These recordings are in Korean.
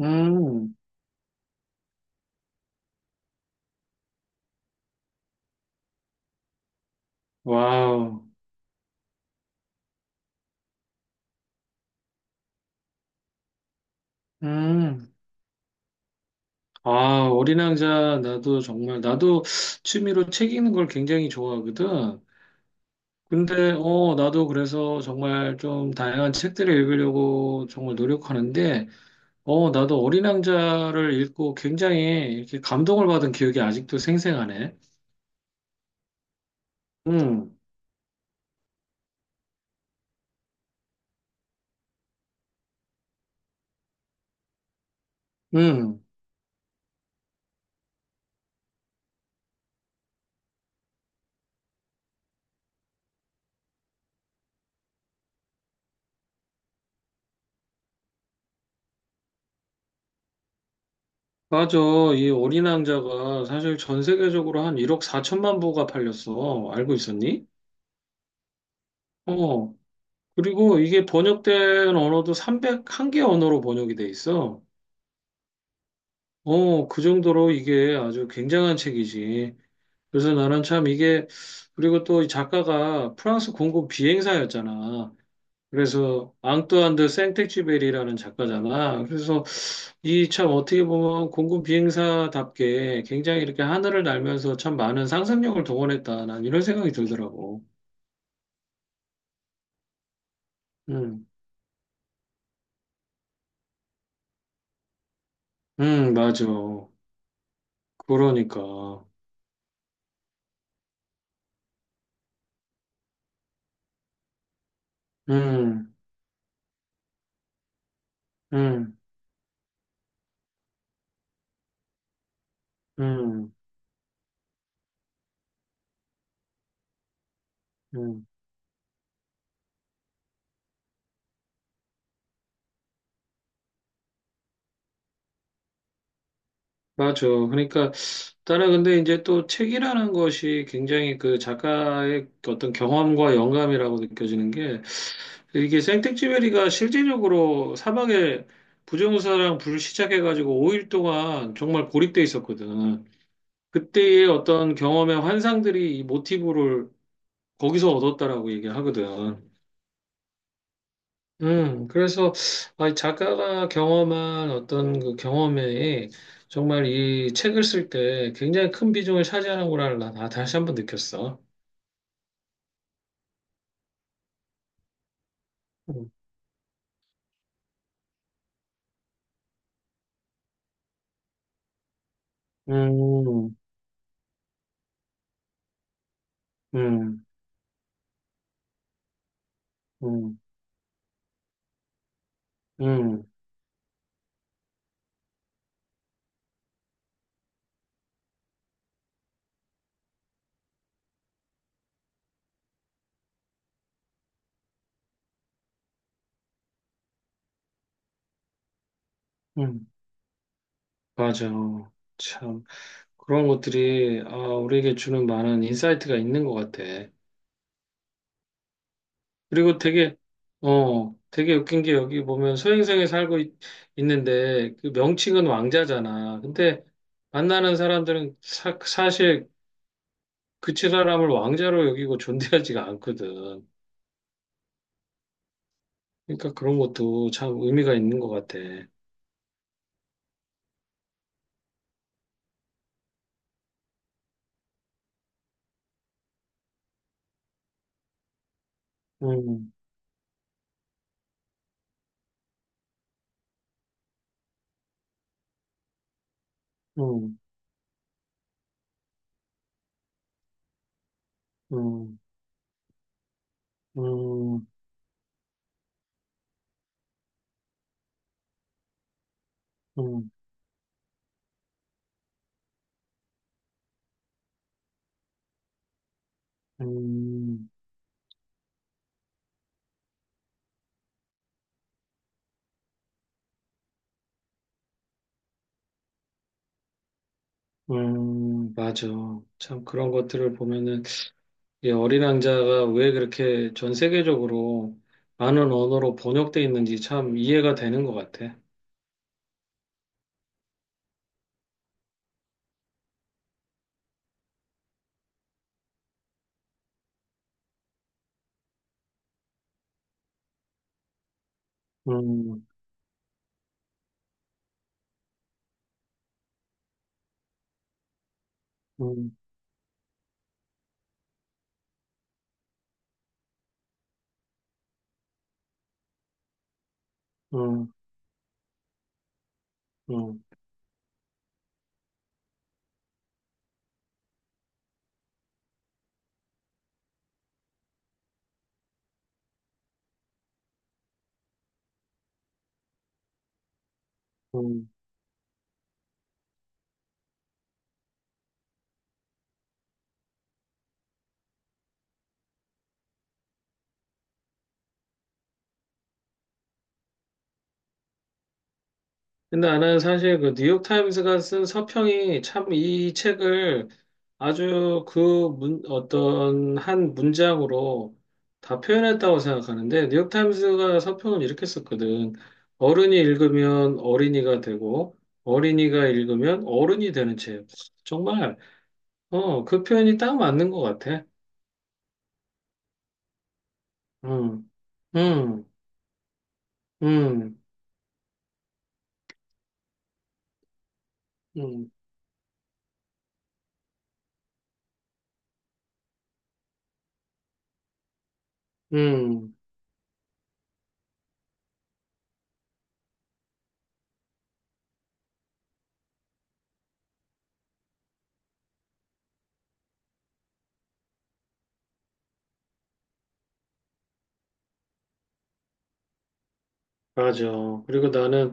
음, 와우. 음, 아, 어린 왕자, 나도 취미로 책 읽는 걸 굉장히 좋아하거든. 근데, 나도 그래서 정말 좀 다양한 책들을 읽으려고 정말 노력하는데, 나도 어린 왕자를 읽고 굉장히 이렇게 감동을 받은 기억이 아직도 생생하네. 음, 음, 맞아. 이 어린 왕자가 사실 전 세계적으로 한 1억 4천만 부가 팔렸어. 알고 있었니? 어. 그리고 이게 번역된 언어도 301개 언어로 번역이 돼 있어. 어, 그 정도로 이게 아주 굉장한 책이지. 그래서 나는 참 이게, 그리고 또 이 작가가 프랑스 공군 비행사였잖아. 그래서 앙뚜안 드 생텍쥐베리라는 작가잖아. 그래서 이 참 어떻게 보면 공군 비행사답게 굉장히 이렇게 하늘을 날면서 참 많은 상상력을 동원했다. 난 이런 생각이 들더라고. 음, 맞아. 그러니까. 음, 음. 음, 음, 맞아. 그러니까 나는 근데 이제 또 책이라는 것이 굉장히 그 작가의 어떤 경험과 영감이라고 느껴지는 게 이게 생텍쥐페리가 실질적으로 사막에 부정사랑 불 시작해가지고 5일 동안 정말 고립돼 있었거든. 그때의 어떤 경험의 환상들이 이 모티브를 거기서 얻었다라고 얘기하거든. 그래서 이 작가가 경험한 어떤 그 경험에 정말 이 책을 쓸 때 굉장히 큰 비중을 차지하는구나 나 다시 한번 느꼈어. 음, 음, 음, 음, 음, 음. 맞아. 참 그런 것들이 아, 우리에게 주는 많은 인사이트가 있는 것 같아. 그리고 되게 웃긴 게 여기 보면 소행성에 살고 있, 는데그 명칭은 왕자잖아. 근데 만나는 사람들은 사실 그 사람을 왕자로 여기고 존대하지가 않거든. 그러니까 그런 것도 참 의미가 있는 것 같아. 음, 음, 음, 음, 음, 음, 음, 맞아. 참 그런 것들을 보면은 이 어린 왕자가 왜 그렇게 전 세계적으로 많은 언어로 번역돼 있는지 참 이해가 되는 것 같아. 음, 음, 음, 음, 음. 근데 나는 사실 그 뉴욕타임스가 쓴 서평이 참 이 책을 아주 그 문, 어떤 한 문장으로 다 표현했다고 생각하는데, 뉴욕타임스가 서평을 이렇게 썼거든. 어른이 읽으면 어린이가 되고, 어린이가 읽으면 어른이 되는 책. 정말 어, 그 표현이 딱 맞는 것 같아. 음, 음, 음, 음, 음, 맞아. 그리고 나는,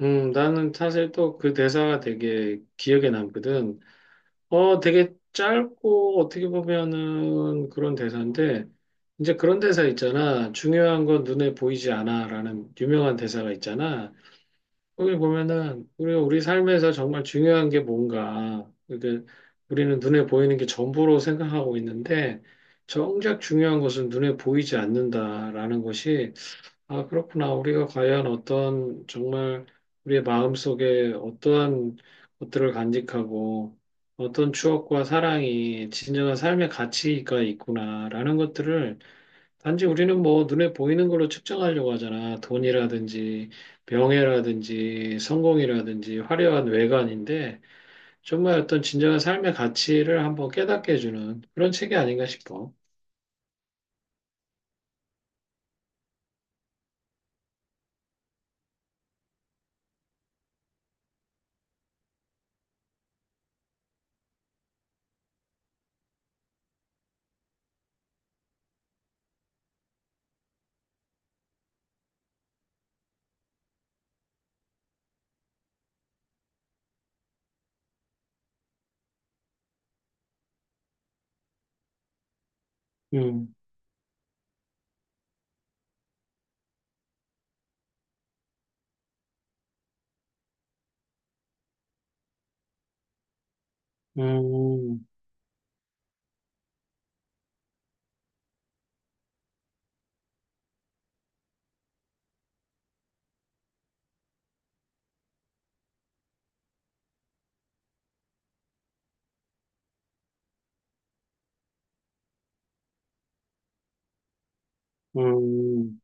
나는 사실 또 그 대사가 되게 기억에 남거든. 되게 짧고 어떻게 보면은 그런 대사인데, 이제 그런 대사 있잖아. 중요한 건 눈에 보이지 않아. 라는 유명한 대사가 있잖아. 오늘 보면은 우리가 우리 삶에서 정말 중요한 게 뭔가 그게 우리는 눈에 보이는 게 전부로 생각하고 있는데 정작 중요한 것은 눈에 보이지 않는다라는 것이 아 그렇구나 우리가 과연 어떤 정말 우리의 마음 속에 어떠한 것들을 간직하고 어떤 추억과 사랑이 진정한 삶의 가치가 있구나라는 것들을 단지 우리는 뭐 눈에 보이는 걸로 측정하려고 하잖아. 돈이라든지 명예라든지 성공이라든지 화려한 외관인데 정말 어떤 진정한 삶의 가치를 한번 깨닫게 해주는 그런 책이 아닌가 싶어. 음, 음, 음,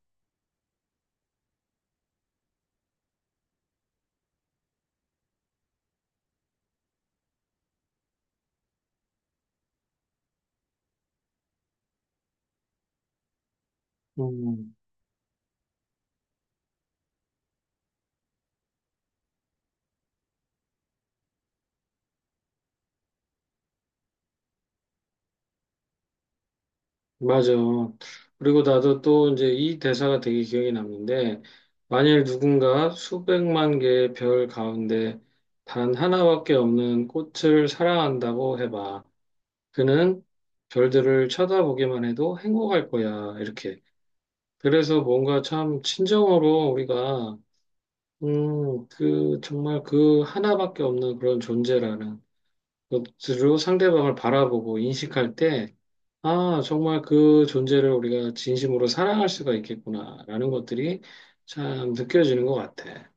음. 맞아. 그리고 나도 또 이제 이 대사가 되게 기억에 남는데, 만일 누군가 수백만 개의 별 가운데 단 하나밖에 없는 꽃을 사랑한다고 해봐. 그는 별들을 쳐다보기만 해도 행복할 거야. 이렇게. 그래서 뭔가 참 친정으로 우리가, 그, 정말 그 하나밖에 없는 그런 존재라는 것으로 상대방을 바라보고 인식할 때, 아, 정말 그 존재를 우리가 진심으로 사랑할 수가 있겠구나라는 것들이 참 느껴지는 것 같아.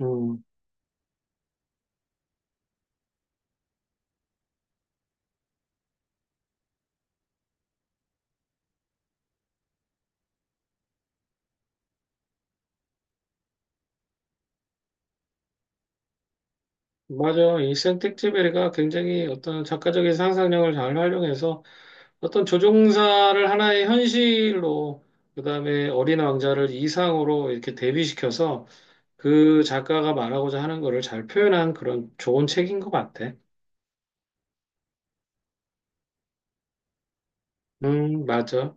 음, 맞아. 이 생텍쥐베리가 굉장히 어떤 작가적인 상상력을 잘 활용해서 어떤 조종사를 하나의 현실로, 그다음에 어린 왕자를 이상으로 이렇게 대비시켜서 그 작가가 말하고자 하는 거를 잘 표현한 그런 좋은 책인 것 같아. 맞아.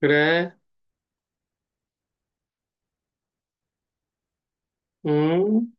그래. 음.